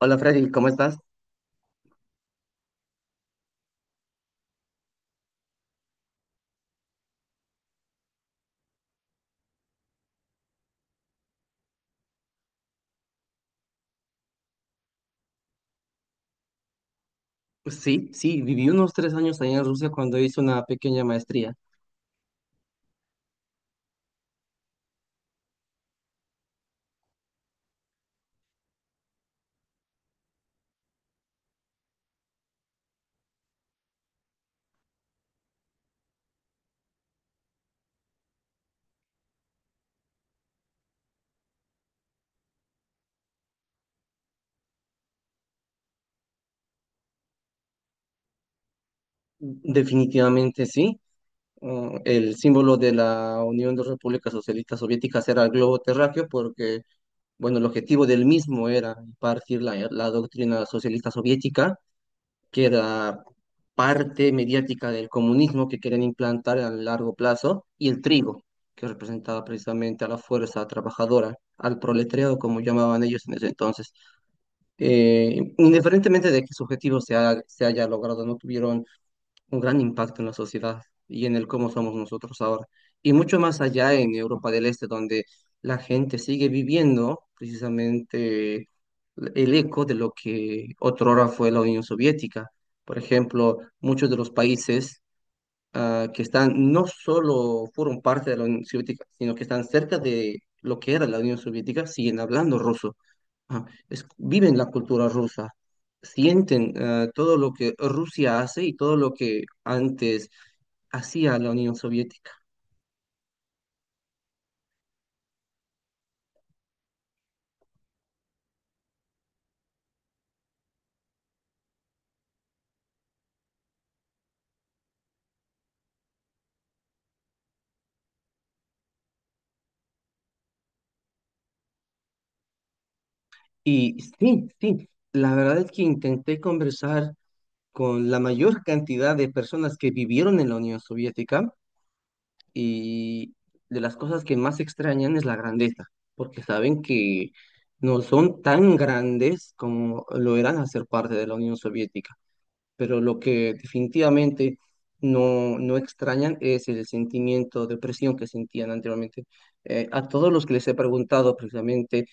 Hola Freddy, ¿cómo estás? Sí, sí, viví unos 3 años allá en Rusia cuando hice una pequeña maestría. Definitivamente sí. El símbolo de la Unión de Repúblicas Socialistas Soviéticas era el globo terráqueo porque, bueno, el objetivo del mismo era impartir la doctrina socialista soviética, que era parte mediática del comunismo que querían implantar a largo plazo, y el trigo, que representaba precisamente a la fuerza trabajadora, al proletariado, como llamaban ellos en ese entonces. Indiferentemente de qué su objetivo se haya logrado, no tuvieron un gran impacto en la sociedad y en el cómo somos nosotros ahora. Y mucho más allá en Europa del Este, donde la gente sigue viviendo precisamente el eco de lo que otrora fue la Unión Soviética. Por ejemplo, muchos de los países que están, no solo fueron parte de la Unión Soviética, sino que están cerca de lo que era la Unión Soviética, siguen hablando ruso, viven la cultura rusa, sienten, todo lo que Rusia hace y todo lo que antes hacía la Unión Soviética. Y sí, sí, la verdad es que intenté conversar con la mayor cantidad de personas que vivieron en la Unión Soviética, y de las cosas que más extrañan es la grandeza, porque saben que no son tan grandes como lo eran hacer parte de la Unión Soviética. Pero lo que definitivamente no, no extrañan es el sentimiento de opresión que sentían anteriormente. A todos los que les he preguntado precisamente,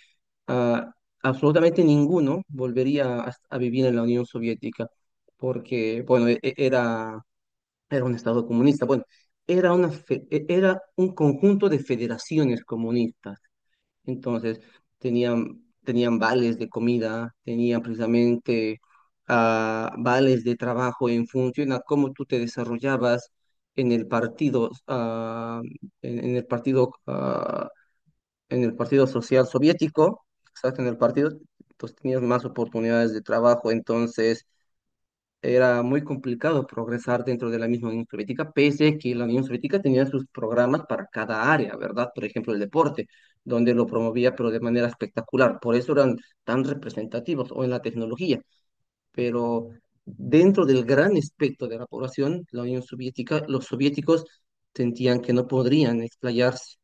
ah, absolutamente ninguno volvería a vivir en la Unión Soviética, porque, bueno, era, era un estado comunista, bueno, era, era un conjunto de federaciones comunistas. Entonces tenían vales de comida, tenían precisamente, vales de trabajo en función a cómo tú te desarrollabas en el partido, en el partido, en el partido social soviético, exacto, en el partido, pues tenías más oportunidades de trabajo. Entonces era muy complicado progresar dentro de la misma Unión Soviética, pese a que la Unión Soviética tenía sus programas para cada área, ¿verdad? Por ejemplo, el deporte, donde lo promovía, pero de manera espectacular. Por eso eran tan representativos, o en la tecnología. Pero dentro del gran espectro de la población, la Unión Soviética, los soviéticos sentían que no podrían explayarse.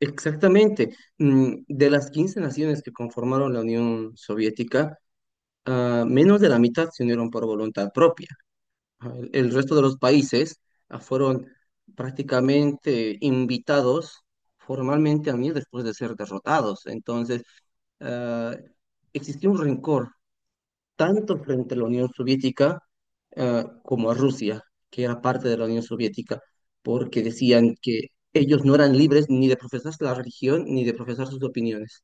Exactamente. Mm, de las 15 naciones que conformaron la Unión Soviética, menos de la mitad se unieron por voluntad propia. El resto de los países, fueron prácticamente invitados formalmente a mí después de ser derrotados. Entonces, ah, existía un rencor tanto frente a la Unión Soviética como a Rusia, que era parte de la Unión Soviética, porque decían que ellos no eran libres ni de profesar la religión ni de profesar sus opiniones.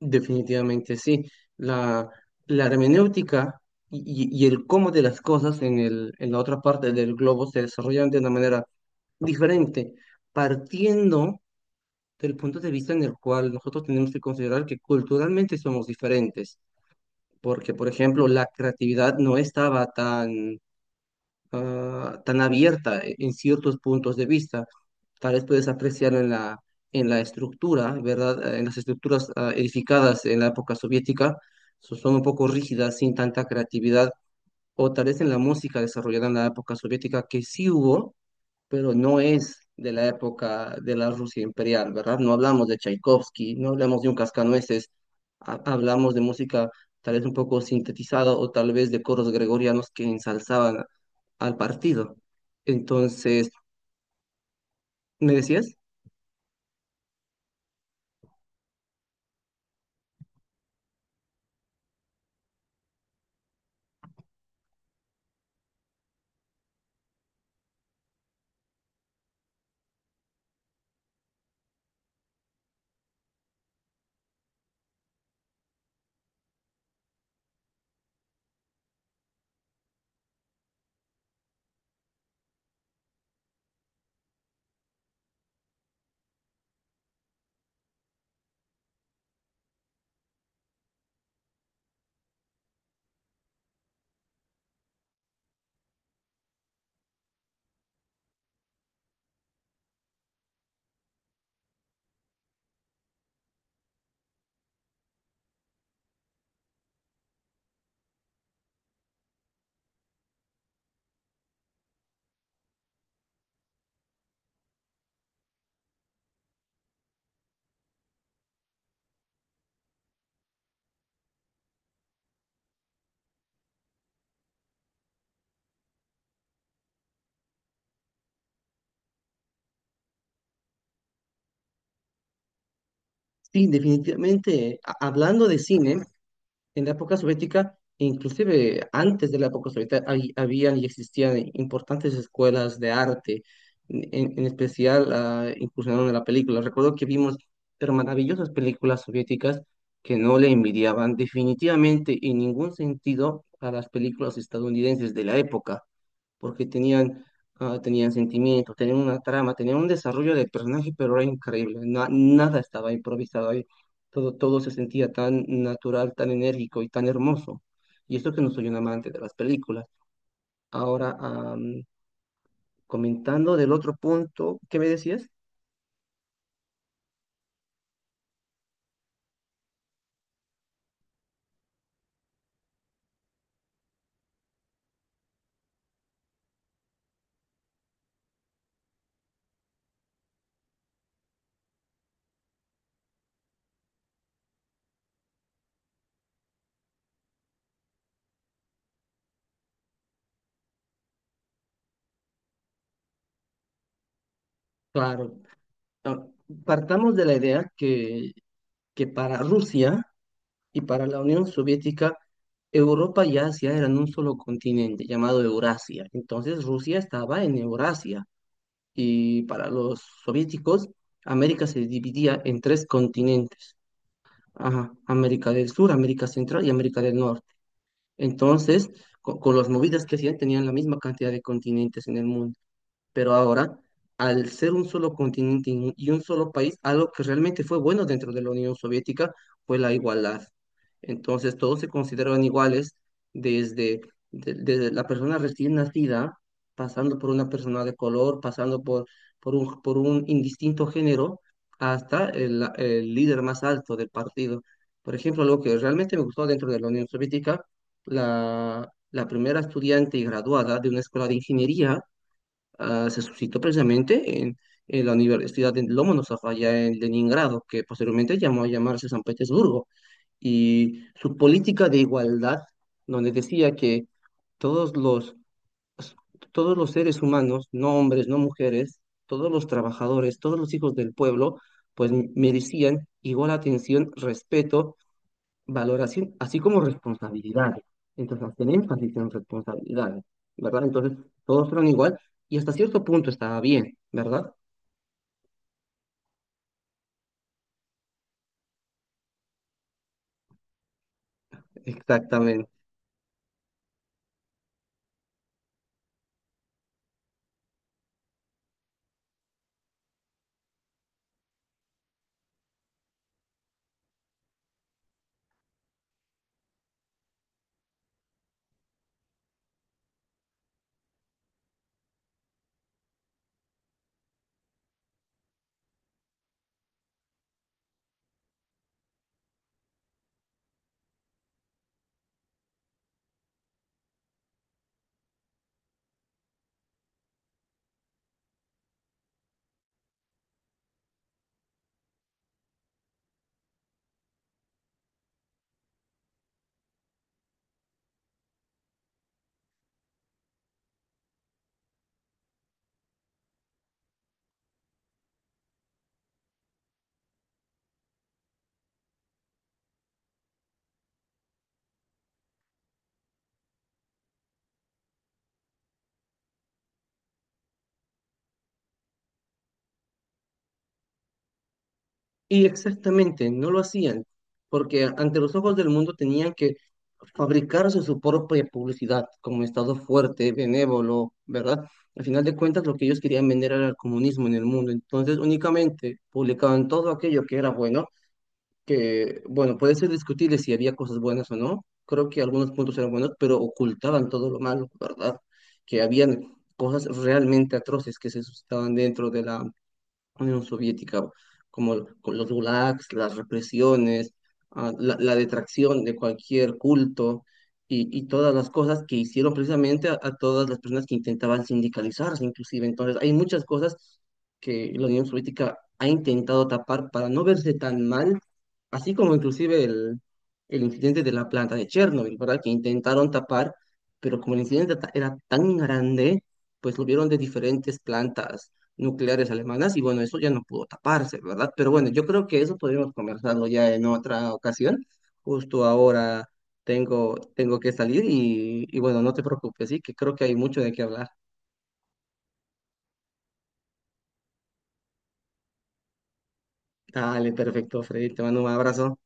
Definitivamente sí. La, la hermenéutica y el cómo de las cosas en la otra parte del globo se desarrollan de una manera diferente, partiendo del punto de vista en el cual nosotros tenemos que considerar que culturalmente somos diferentes, porque, por ejemplo, la creatividad no estaba tan, tan abierta en ciertos puntos de vista. Tal vez puedes apreciar en en la estructura, ¿verdad? Ah, En las estructuras, edificadas en la época soviética, son un poco rígidas, sin tanta creatividad, o tal vez en la música desarrollada en la época soviética, que sí hubo, pero no es de la época de la Rusia imperial, ¿verdad? No hablamos de Tchaikovsky, no hablamos de un cascanueces, hablamos de música, tal vez un poco sintetizada, o tal vez de coros gregorianos que ensalzaban al partido. Entonces, ¿me decías? Sí, definitivamente, hablando de cine, en la época soviética, inclusive antes de la época soviética, habían y existían importantes escuelas de arte, en especial, incursionaron en la película. Recuerdo que vimos pero maravillosas películas soviéticas que no le envidiaban definitivamente en ningún sentido a las películas estadounidenses de la época, porque tenían, tenían sentimientos, tenían una trama, tenían un desarrollo del personaje, pero era increíble, nada estaba improvisado ahí, todo se sentía tan natural, tan enérgico y tan hermoso. Y esto que no soy un amante de las películas. Ahora, comentando del otro punto, ¿qué me decías? Claro, ah, partamos de la idea que para Rusia, y para la Unión Soviética, Europa y Asia eran un solo continente llamado Eurasia. Entonces Rusia estaba en Eurasia y para los soviéticos, América se dividía en tres continentes. Ajá, América del Sur, América Central y América del Norte. Entonces, las movidas que hacían, tenían la misma cantidad de continentes en el mundo. Pero ahora, al ser un solo continente y un solo país, algo que realmente fue bueno dentro de la Unión Soviética fue la igualdad. Entonces, todos se consideraban iguales desde, desde la persona recién nacida, pasando por una persona de color, pasando por, por un indistinto género, hasta el líder más alto del partido. Por ejemplo, algo que realmente me gustó dentro de la Unión Soviética, la, la primera estudiante y graduada de una escuela de ingeniería, se suscitó precisamente en la Universidad de Lomonosov, allá en Leningrado, que posteriormente llamó a llamarse San Petersburgo, y su política de igualdad, donde decía que todos los, todos los seres humanos, no hombres, no mujeres, todos los trabajadores, todos los hijos del pueblo, pues merecían igual atención, respeto, valoración, así como responsabilidades. Entonces, hacen énfasis en responsabilidades, ¿verdad? Entonces, todos fueron igual y hasta cierto punto estaba bien, ¿verdad? Exactamente. Y exactamente, no lo hacían, porque ante los ojos del mundo tenían que fabricarse su propia publicidad como Estado fuerte, benévolo, ¿verdad? Al final de cuentas, lo que ellos querían vender era el comunismo en el mundo. Entonces, únicamente publicaban todo aquello que era bueno, que, bueno, puede ser discutible si había cosas buenas o no. Creo que algunos puntos eran buenos, pero ocultaban todo lo malo, ¿verdad? Que habían cosas realmente atroces que se suscitaban dentro de la Unión Soviética, como con los gulags, las represiones, la detracción de cualquier culto, y todas las cosas que hicieron precisamente a todas las personas que intentaban sindicalizarse, inclusive. Entonces, hay muchas cosas que la Unión Soviética ha intentado tapar para no verse tan mal, así como inclusive el incidente de la planta de Chernobyl, ¿verdad? Que intentaron tapar, pero como el incidente era tan grande, pues lo vieron de diferentes plantas nucleares alemanas y bueno, eso ya no pudo taparse, ¿verdad? Pero bueno, yo creo que eso podríamos conversarlo ya en otra ocasión. Justo ahora tengo que salir y bueno, no te preocupes, sí, que creo que hay mucho de qué hablar. Dale, perfecto, Freddy, te mando un abrazo.